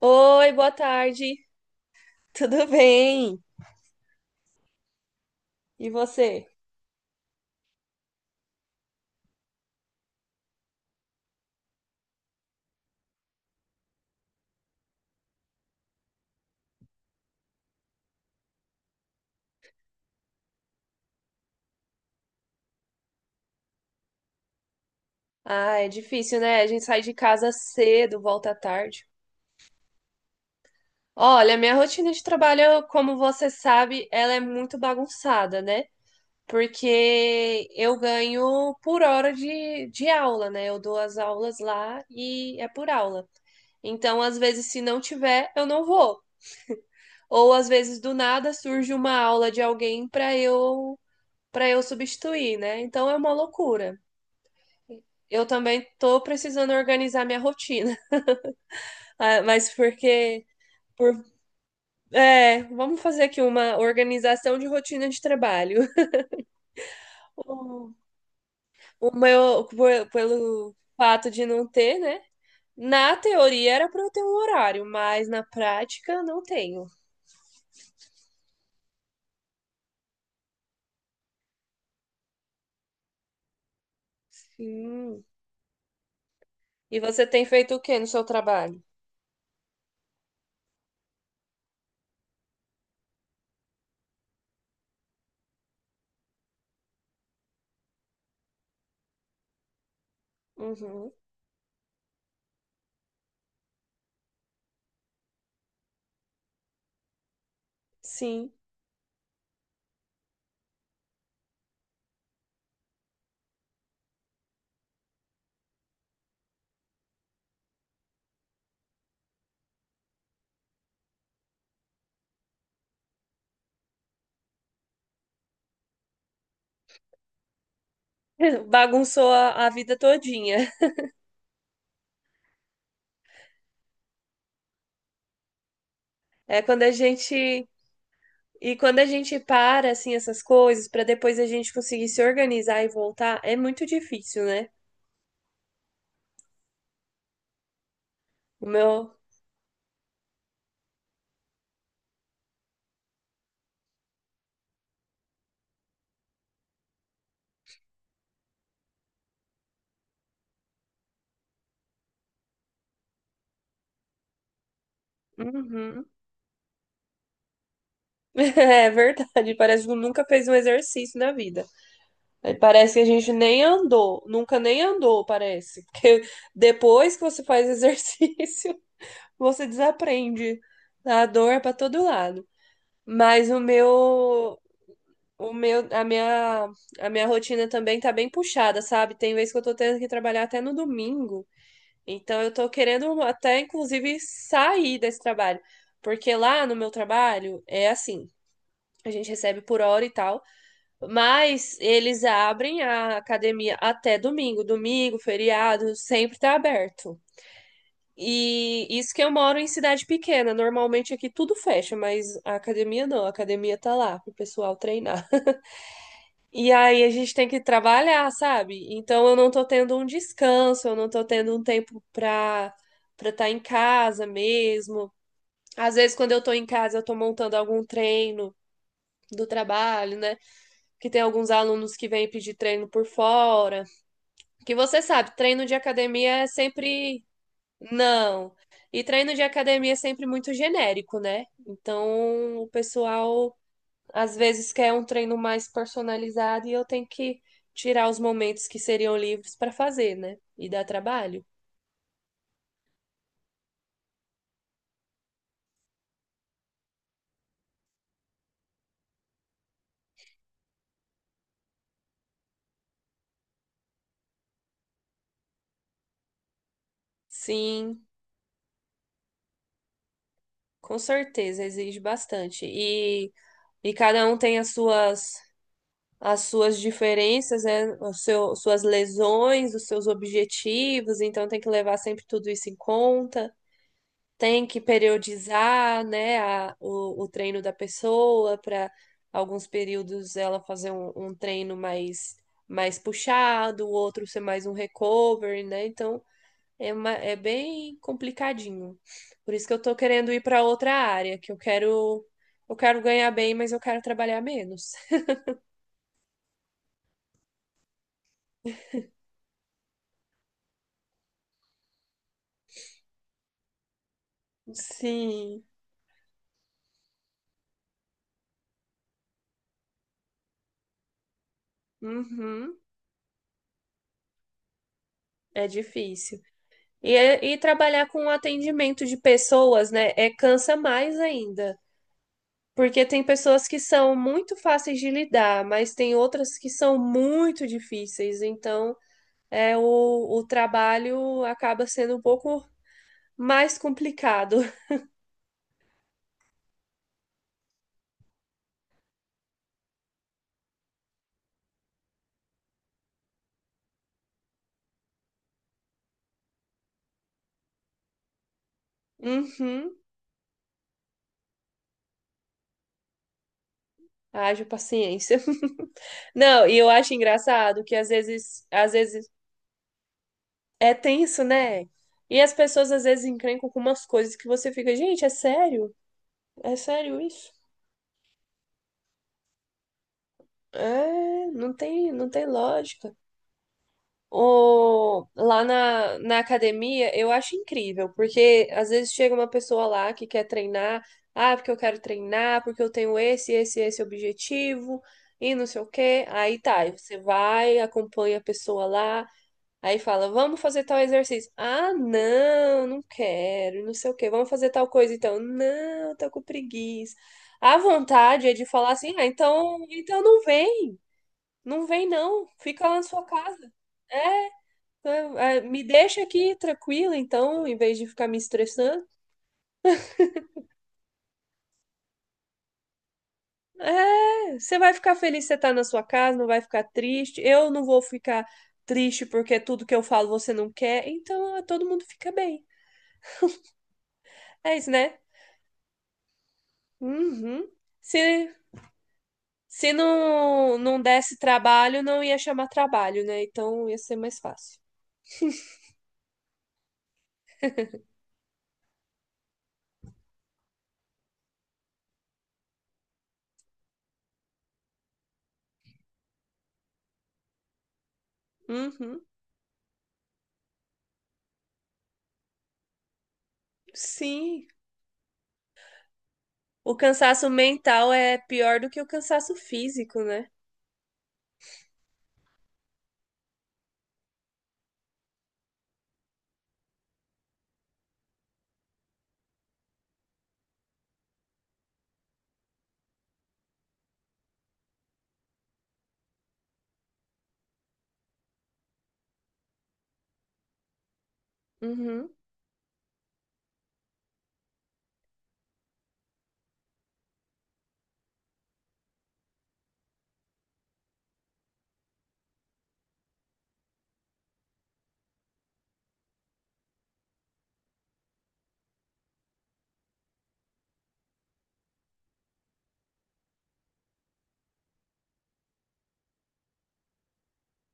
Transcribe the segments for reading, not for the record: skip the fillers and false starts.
Oi, boa tarde. Tudo bem? E você? Ah, é difícil, né? A gente sai de casa cedo, volta tarde. Olha, minha rotina de trabalho, como você sabe, ela é muito bagunçada, né? Porque eu ganho por hora de aula, né? Eu dou as aulas lá e é por aula. Então, às vezes, se não tiver, eu não vou. Ou às vezes, do nada, surge uma aula de alguém para eu substituir, né? Então é uma loucura. Eu também tô precisando organizar minha rotina, Ah, mas porque por- é, vamos fazer aqui uma organização de rotina de trabalho. O, o meu pelo fato de não ter, né? Na teoria era para eu ter um horário, mas na prática não tenho. Sim. E você tem feito o que no seu trabalho? Uhum, sim. Bagunçou a vida todinha. É quando a gente E quando a gente para assim essas coisas para depois a gente conseguir se organizar e voltar, é muito difícil, né? O meu. Uhum. É verdade, parece que nunca fez um exercício na vida. Aí parece que a gente nem andou, nunca nem andou, parece. Porque depois que você faz exercício, você desaprende. A dor é para todo lado. Mas o meu, a minha rotina também tá bem puxada, sabe? Tem vezes que eu tô tendo que trabalhar até no domingo. Então eu tô querendo até, inclusive, sair desse trabalho. Porque lá no meu trabalho é assim, a gente recebe por hora e tal, mas eles abrem a academia até domingo. Domingo, feriado, sempre tá aberto. E isso que eu moro em cidade pequena. Normalmente aqui tudo fecha, mas a academia não, a academia tá lá pro pessoal treinar. E aí a gente tem que trabalhar, sabe? Então eu não tô tendo um descanso, eu não tô tendo um tempo pra estar em casa mesmo. Às vezes quando eu tô em casa eu tô montando algum treino do trabalho, né? Que tem alguns alunos que vêm pedir treino por fora. Que você sabe, treino de academia é sempre não. E treino de academia é sempre muito genérico, né? Então o pessoal às vezes quer um treino mais personalizado e eu tenho que tirar os momentos que seriam livres para fazer, né? E dá trabalho? Sim, com certeza, exige bastante. E cada um tem as suas diferenças, né? O seu, suas lesões, os seus objetivos, então tem que levar sempre tudo isso em conta. Tem que periodizar, né, o treino da pessoa para alguns períodos ela fazer um treino mais puxado, o outro ser mais um recovery, né? Então é uma, é bem complicadinho. Por isso que eu tô querendo ir para outra área, que eu quero ganhar bem, mas eu quero trabalhar menos. Sim. Uhum. É difícil. E, e trabalhar com atendimento de pessoas, né? É cansa mais ainda. Porque tem pessoas que são muito fáceis de lidar, mas tem outras que são muito difíceis. Então, o trabalho acaba sendo um pouco mais complicado. Uhum. Haja paciência. Não, e eu acho engraçado que às vezes é tenso, né? E as pessoas às vezes encrencam com umas coisas que você fica, gente, é sério? É sério isso? É, não tem lógica. O, na academia, eu acho incrível, porque às vezes chega uma pessoa lá que quer treinar, ah, porque eu quero treinar, porque eu tenho esse objetivo, e não sei o quê. Aí tá, aí você vai, acompanha a pessoa lá, aí fala, vamos fazer tal exercício. Ah, não, não quero, não sei o quê, vamos fazer tal coisa então. Não, tô com preguiça. A vontade é de falar assim, ah, então não vem, não vem não, fica lá na sua casa. É, tá, é, me deixa aqui tranquila, então, em vez de ficar me estressando. É, você vai ficar feliz que você tá na sua casa, não vai ficar triste. Eu não vou ficar triste porque tudo que eu falo você não quer. Então, é, todo mundo fica bem. É isso, né? Uhum. Se, se não, não desse trabalho, não ia chamar trabalho, né? Então, ia ser mais fácil. Uhum. Sim. O cansaço mental é pior do que o cansaço físico, né? Uhum.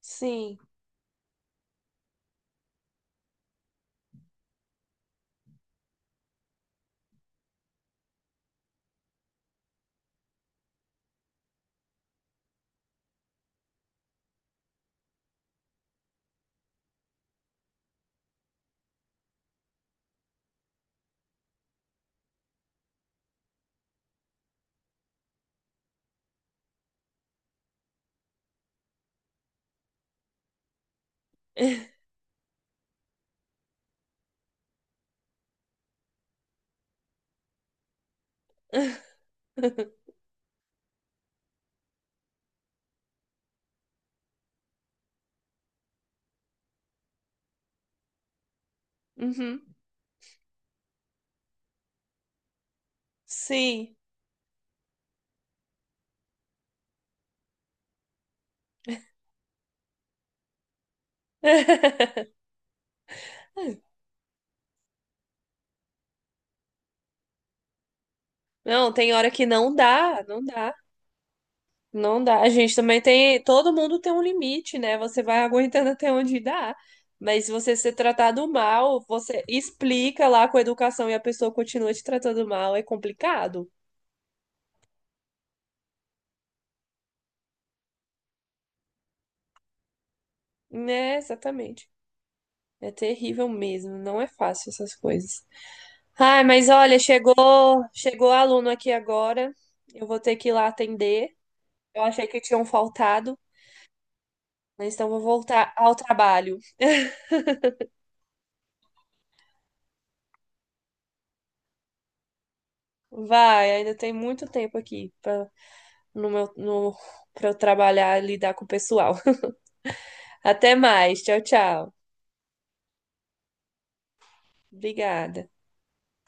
Sim. Uhum. Sim. Não, tem hora que não dá, não dá. A gente também tem, todo mundo tem um limite, né? Você vai aguentando até onde dá. Mas se você ser tratado mal, você explica lá com a educação e a pessoa continua te tratando mal, é complicado, né? Exatamente. É terrível mesmo, não é fácil essas coisas. Ai, mas olha, chegou aluno aqui agora. Eu vou ter que ir lá atender. Eu achei que tinham faltado, mas então vou voltar ao trabalho. Vai, ainda tem muito tempo aqui pra, no, pra eu trabalhar e lidar com o pessoal. Até mais. Tchau, tchau. Obrigada.